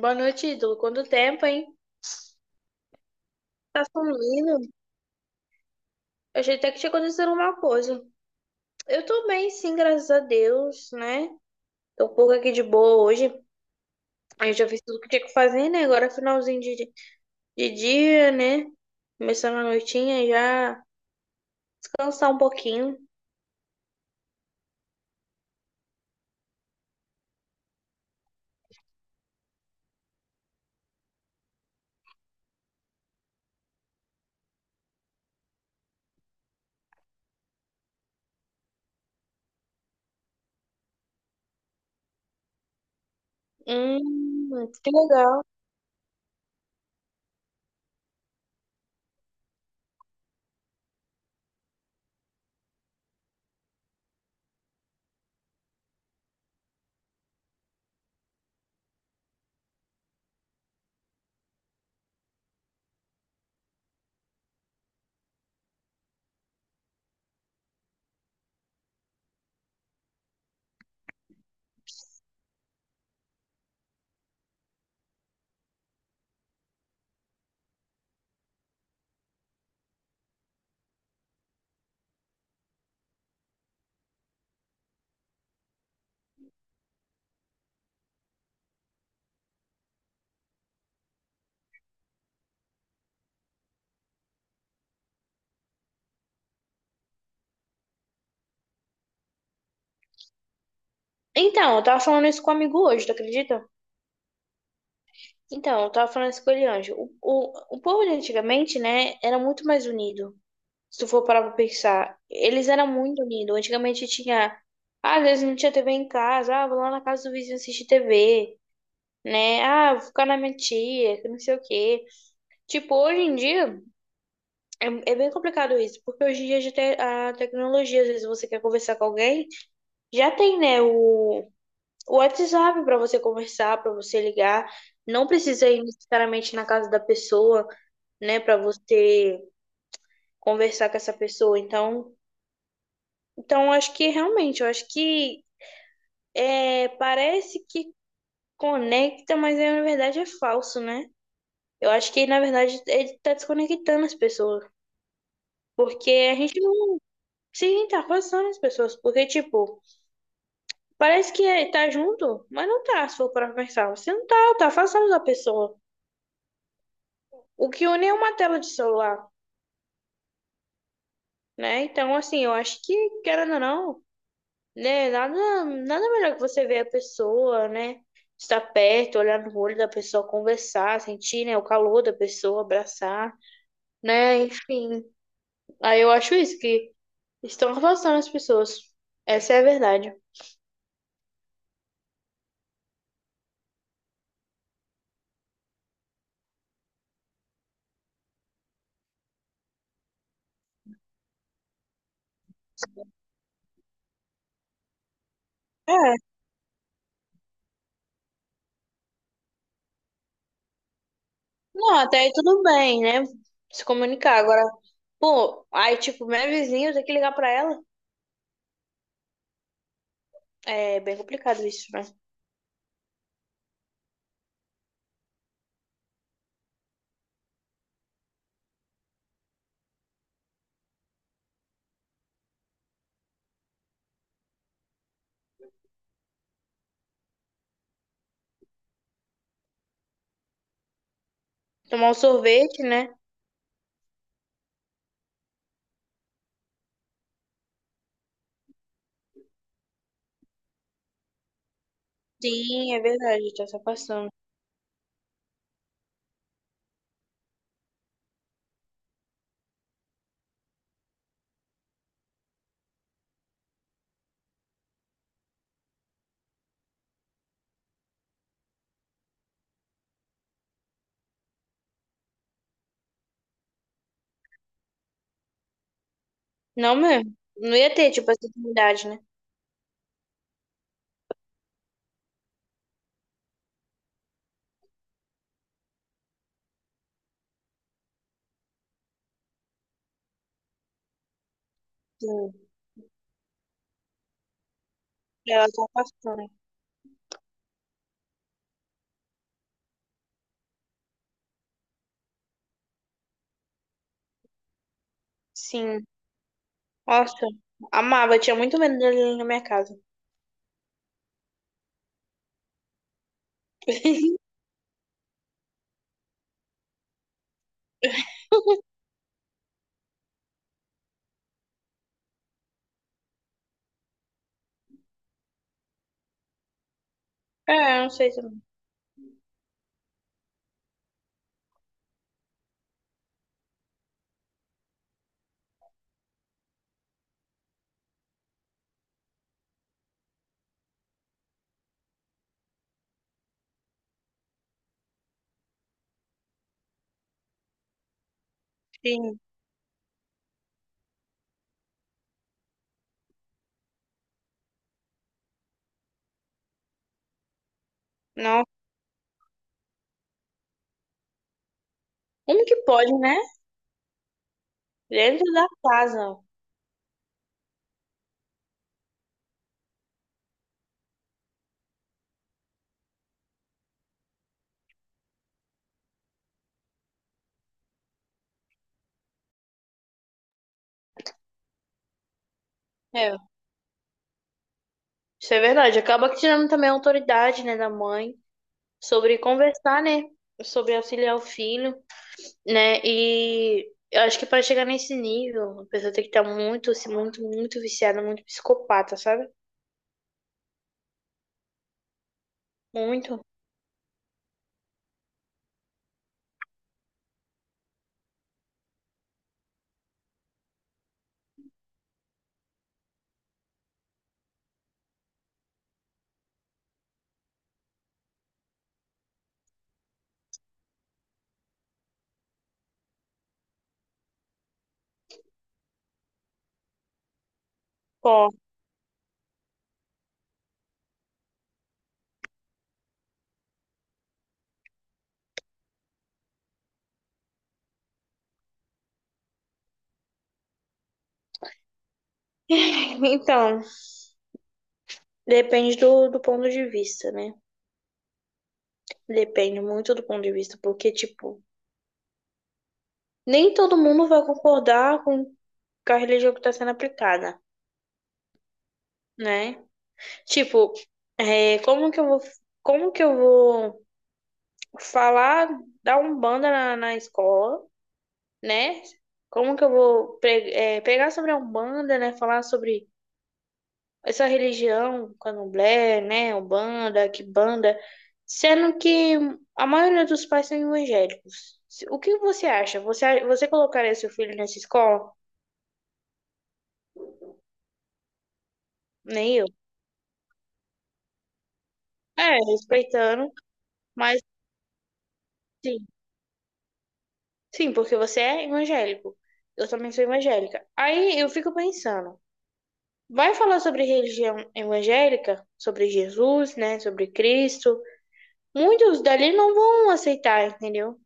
Boa noite, ídolo. Quanto tempo, hein? Tá sumindo? Eu achei até que tinha acontecido alguma coisa. Eu tô bem, sim, graças a Deus, né? Tô um pouco aqui de boa hoje. Eu já fiz tudo que tinha que fazer, né? Agora é finalzinho de dia, né? Começando a noitinha já. Descansar um pouquinho. Que legal. Então, eu tava falando isso com um amigo hoje, tu acredita? Então, eu tava falando isso com ele, Anjo. O povo de antigamente, né? Era muito mais unido. Se tu for parar pra pensar, eles eram muito unidos. Antigamente tinha, ah, às vezes não tinha TV em casa, ah, vou lá na casa do vizinho assistir TV, né? Ah, vou ficar na minha tia, que não sei o quê. Tipo, hoje em dia é, é bem complicado isso, porque hoje em dia já tem a tecnologia, às vezes você quer conversar com alguém, já tem, né, o WhatsApp pra você conversar, pra você ligar. Não precisa ir necessariamente na casa da pessoa, né, pra você conversar com essa pessoa. Então, eu acho que realmente, eu acho que é, parece que conecta, mas é, na verdade é falso, né? Eu acho que, na verdade, ele tá desconectando as pessoas. Porque a gente não. Sim, tá afastando as pessoas. Porque, tipo, parece que tá junto, mas não tá, se for pra pensar. Você não tá, tá afastando da pessoa. O que une é uma tela de celular, né? Então, assim, eu acho que, querendo ou não. Né? Nada, nada melhor que você ver a pessoa, né? Estar perto, olhar no olho da pessoa, conversar, sentir, né, o calor da pessoa, abraçar, né? Enfim. Aí eu acho isso, que estão afastando as pessoas. Essa é a verdade. É, não, até aí tudo bem, né? Se comunicar. Agora, pô, aí, tipo, minha vizinha, eu tenho que ligar pra ela. É bem complicado isso, né? Tomar um sorvete, né? Sim, é verdade, tá se afastando. Não mesmo. Não ia ter, tipo, essa intimidade, né? Sim. Ela tá passando. Sim. Nossa, amava. Tinha muito medo dele na minha casa. É, eu não sei se... Sim. Não. Como que pode, né? Dentro da casa. É, isso é verdade. Acaba que tirando também a autoridade, né, da mãe sobre conversar, né? Sobre auxiliar o filho, né? E eu acho que para chegar nesse nível, a pessoa tem que estar muito, assim, muito, muito viciada, muito psicopata, sabe? Muito. Ó, então, depende do ponto de vista, né? Depende muito do ponto de vista, porque, tipo, nem todo mundo vai concordar com a religião que está sendo aplicada, né? Tipo, é, como que eu vou falar da Umbanda na escola, né? Como que eu vou é, pregar sobre a Umbanda, né? Falar sobre essa religião, candomblé, né, umbanda, quimbanda, sendo que a maioria dos pais são evangélicos. O que você acha? Você colocaria seu filho nessa escola? Nem eu. É, respeitando, mas sim, sim, porque você é evangélico. Eu também sou evangélica. Aí eu fico pensando, vai falar sobre religião evangélica, sobre Jesus, né, sobre Cristo. Muitos dali não vão aceitar, entendeu?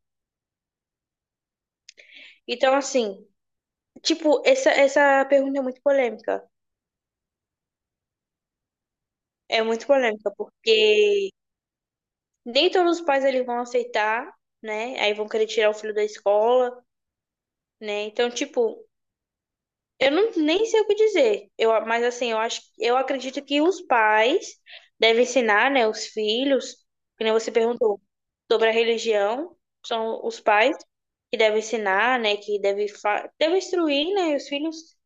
Então, assim, tipo, essa pergunta é muito polêmica. É muito polêmica, porque nem todos os pais eles vão aceitar, né? Aí vão querer tirar o filho da escola, né? Então, tipo, eu não, nem sei o que dizer. Eu, mas assim, eu acho, eu acredito que os pais devem ensinar, né, os filhos, que nem você perguntou, sobre a religião, são os pais que devem ensinar, né, que devem, devem instruir, né, os filhos,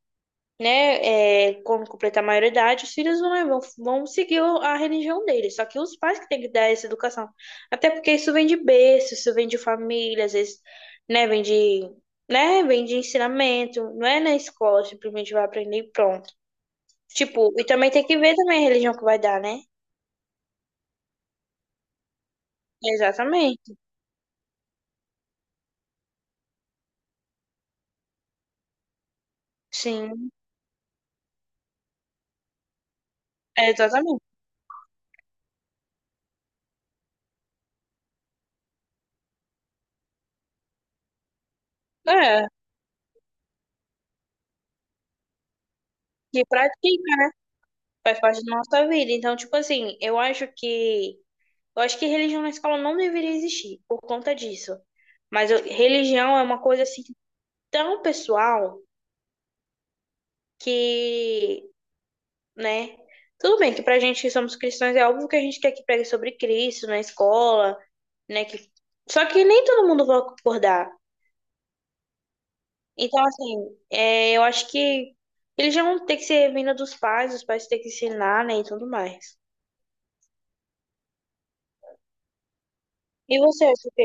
né, é, quando completar a maioridade, os filhos vão, né, vão seguir a religião deles. Só que os pais que têm que dar essa educação. Até porque isso vem de berço, isso vem de família, às vezes, né, vem de, né, vem de ensinamento. Não é na escola, simplesmente vai aprender e pronto. Tipo, e também tem que ver também a religião que vai dar, né? Exatamente. Sim, é exatamente. É, que pratica, faz parte da nossa vida. Então, tipo assim, eu acho que religião na escola não deveria existir por conta disso. Mas eu- religião é uma coisa assim tão pessoal que, né? Tudo bem que pra gente que somos cristãos é óbvio que a gente quer que pregue sobre Cristo na escola, né? Que... Só que nem todo mundo vai concordar. Então, assim, é, eu acho que religião tem que ser vinda dos pais, os pais têm que ensinar, né? E tudo mais. E você, acha o quê?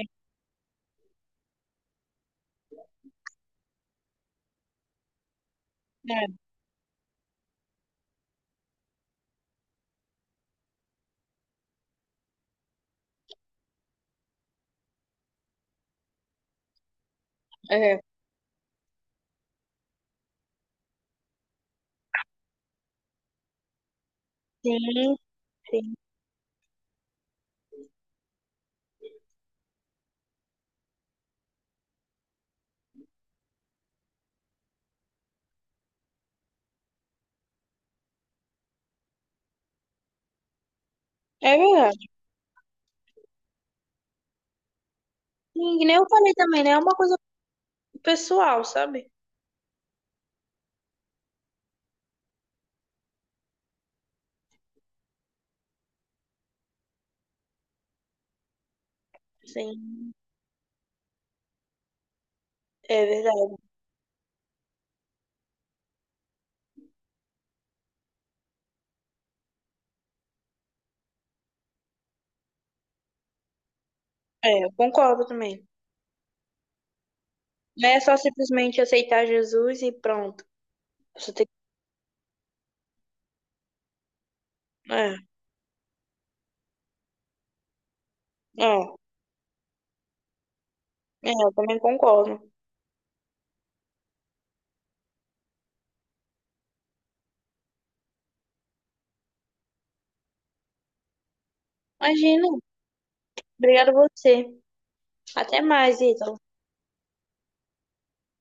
É, é. Sim, sim. É verdade. E que nem eu falei também, né? É uma coisa pessoal, sabe? Sim, é verdade. É, eu concordo também. Não é só simplesmente aceitar Jesus e pronto. Você tem... Que... é, é, eu também concordo. Imagina. Obrigada a você. Até mais, Ítalo.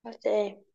Até.